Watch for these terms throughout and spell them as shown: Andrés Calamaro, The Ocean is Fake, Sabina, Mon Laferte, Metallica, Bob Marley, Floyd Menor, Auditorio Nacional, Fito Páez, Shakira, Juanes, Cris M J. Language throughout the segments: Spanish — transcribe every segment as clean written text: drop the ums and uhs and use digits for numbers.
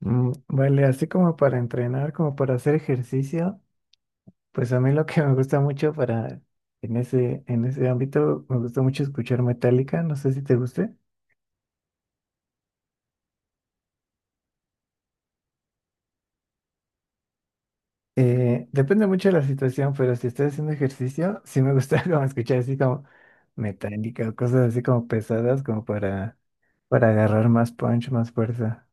Mm, vale, así como para entrenar, como para hacer ejercicio, pues a mí lo que me gusta mucho para en ese ámbito, me gusta mucho escuchar Metallica, no sé si te guste. Depende mucho de la situación, pero si estoy haciendo ejercicio, sí me gusta como escuchar así como Metallica o cosas así como pesadas, como para agarrar más punch, más fuerza.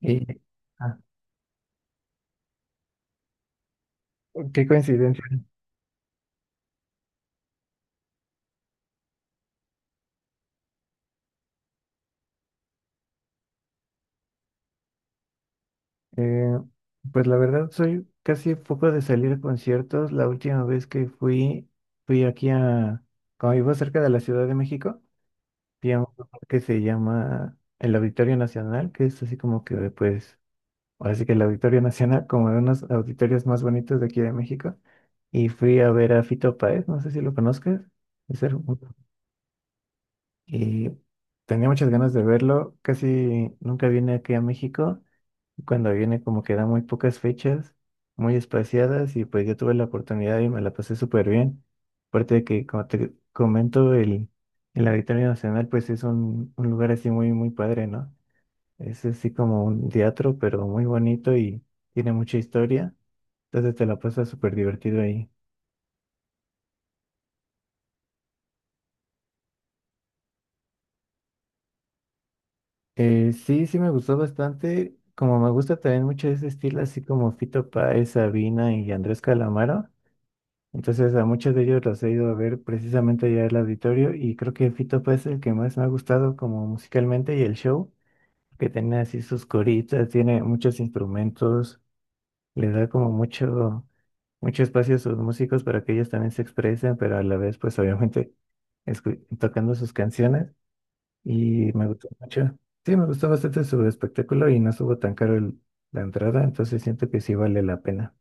Y ah, qué coincidencia. Eh, pues la verdad soy casi poco de salir a conciertos. La última vez que fui, fui aquí a, como vivo cerca de la Ciudad de México, fui a un lugar que se llama el Auditorio Nacional, que es así como que pues, ahora sí que el Auditorio Nacional, como de unos auditorios más bonitos de aquí de México. Y fui a ver a Fito Páez, no sé si lo conozcas. es el- Y tenía muchas ganas de verlo. Casi nunca viene aquí a México. Cuando viene como que da muy pocas fechas, muy espaciadas y pues yo tuve la oportunidad y me la pasé súper bien. Aparte de que, como te comento, el Auditorio Nacional pues es un lugar así muy, muy padre, ¿no? Es así como un teatro, pero muy bonito y tiene mucha historia. Entonces te la pasas súper divertido ahí. Sí me gustó bastante. Como me gusta también mucho ese estilo, así como Fito Páez, Sabina y Andrés Calamaro. Entonces a muchos de ellos los he ido a ver precisamente allá al auditorio y creo que Fito Páez es el que más me ha gustado como musicalmente y el show que tiene así sus coritas, tiene muchos instrumentos, le da como mucho espacio a sus músicos para que ellos también se expresen, pero a la vez pues obviamente tocando sus canciones y me gustó mucho. Sí, me gustó bastante su espectáculo y no estuvo tan caro la entrada, entonces siento que sí vale la pena.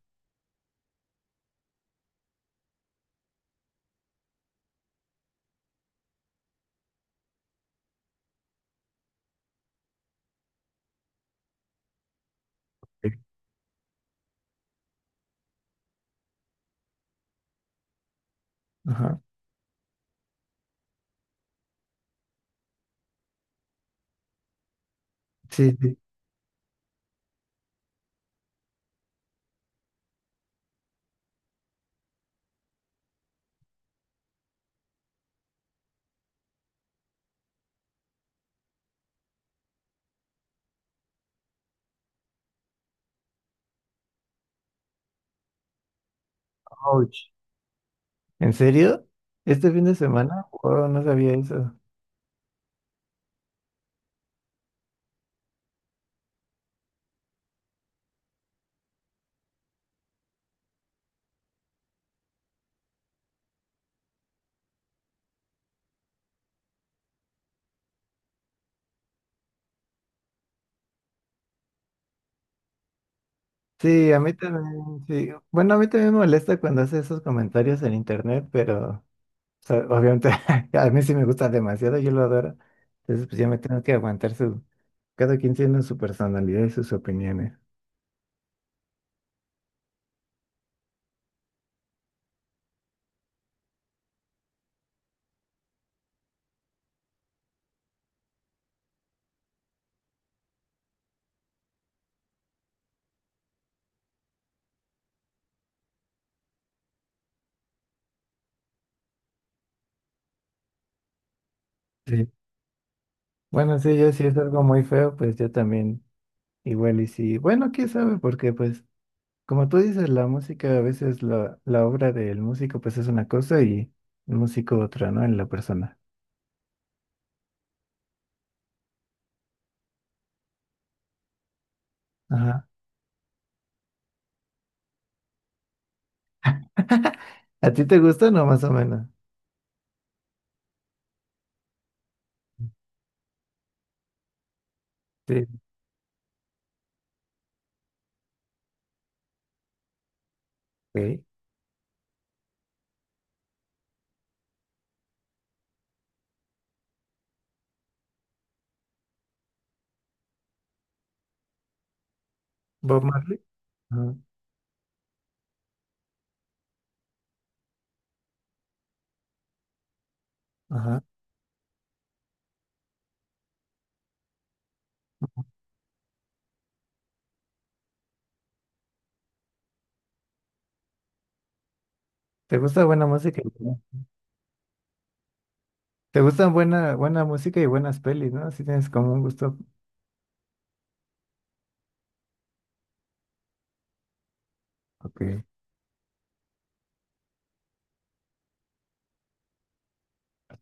Sí. Ajá. Sí, sí. Ouch. ¿En serio? ¿Este fin de semana? Oh, no sabía eso. Sí, a mí también, sí. Bueno, a mí también me molesta cuando hace esos comentarios en internet, pero o sea, obviamente a mí sí me gusta demasiado, yo lo adoro. Entonces, pues ya me tengo que aguantar su... Cada quien tiene su personalidad y sus opiniones. Sí. Bueno, sí, yo si es algo muy feo, pues yo también igual y sí. Bueno, quién sabe, porque pues como tú dices, la música a veces la obra del músico pues es una cosa y el músico otra, ¿no? En la persona. Ajá. ¿A ti te gusta, no? Más o menos. Sí. Ok. Bob Marley. Ajá. Ajá. ¿Te gusta buena música? Y ¿te gustan buena música y buenas pelis, no? Así tienes como un gusto. Ok.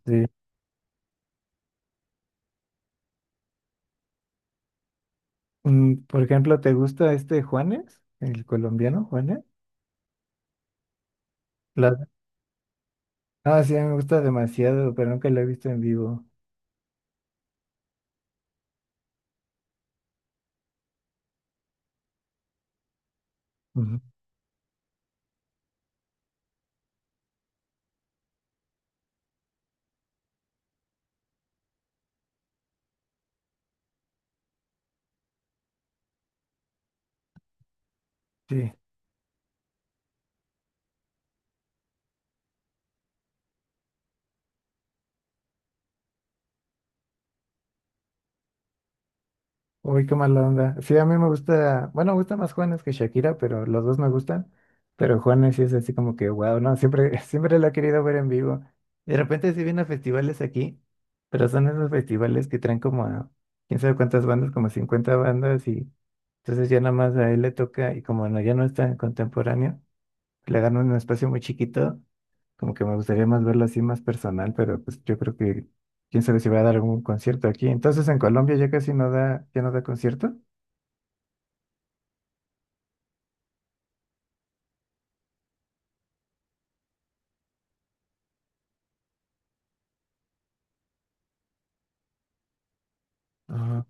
Sí. Mm, por ejemplo, ¿te gusta este Juanes? El colombiano Juanes. La- Ah, sí, a mí me gusta demasiado, pero nunca lo he visto en vivo. Ujú. Sí. Uy, qué mala onda. Sí, a mí me gusta, bueno, me gusta más Juanes que Shakira, pero los dos me gustan. Pero Juanes sí es así como que, wow, no, siempre, siempre lo he querido ver en vivo. De repente sí viene a festivales aquí, pero son esos festivales que traen como a quién sabe cuántas bandas, como 50 bandas, y entonces ya nada más a él le toca, y como no, ya no es tan contemporáneo, le dan un espacio muy chiquito, como que me gustaría más verlo así más personal, pero pues yo creo que quién sabe si va a dar algún concierto aquí. Entonces en Colombia ya casi no da, ya no da concierto. Ah,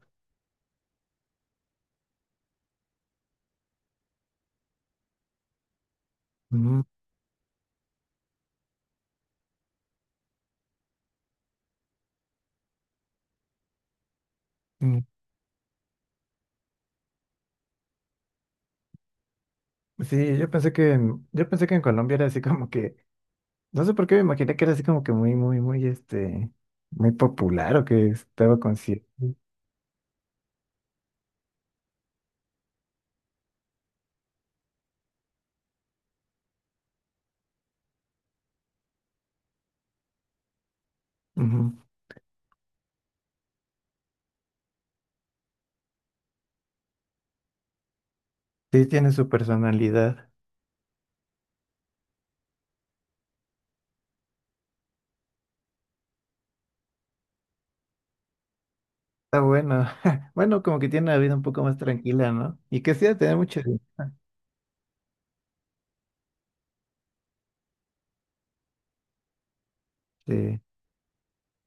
mm, mm. Sí, yo pensé que en Colombia era así como que, no sé por qué me imaginé que era así como que muy, muy, muy, muy popular o que estaba consciente. Ujú. Sí, tiene su personalidad. Está bueno. Bueno, como que tiene una vida un poco más tranquila, ¿no? Y que sí, ha de tener mucho, este,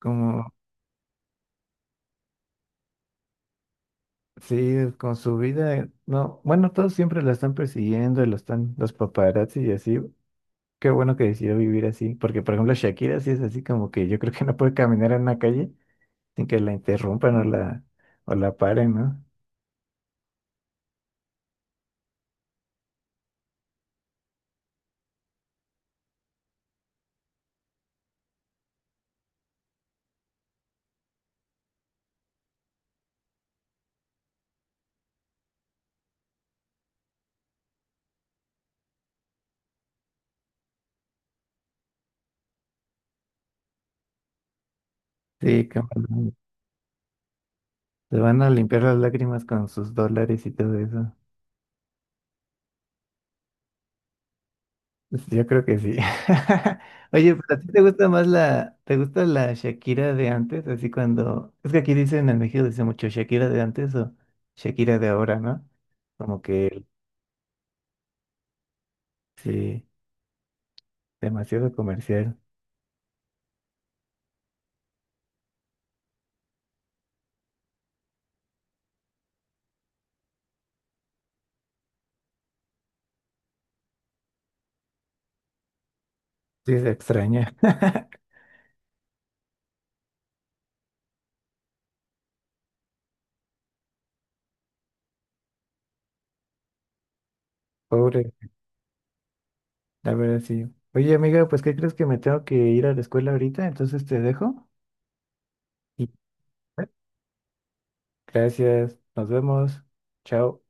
como, sí, con su vida, no, bueno, todos siempre la están persiguiendo, y lo están, los paparazzi y así. Qué bueno que decidió vivir así, porque por ejemplo Shakira sí es así como que yo creo que no puede caminar en una calle sin que la interrumpan o o la paren, ¿no? Sí, como no, se van a limpiar las lágrimas con sus dólares y todo eso. Pues, yo creo que sí. Oye, ¿pero a ti te gusta más te gusta la Shakira de antes? Así cuando, es que aquí dicen en México dice mucho Shakira de antes o Shakira de ahora, ¿no? Como que sí, demasiado comercial. Sí, se extraña. Pobre. La verdad, sí. Oye, amiga, pues ¿qué crees que me tengo que ir a la escuela ahorita? Entonces te dejo. Y... bueno, gracias. Nos vemos. Chao.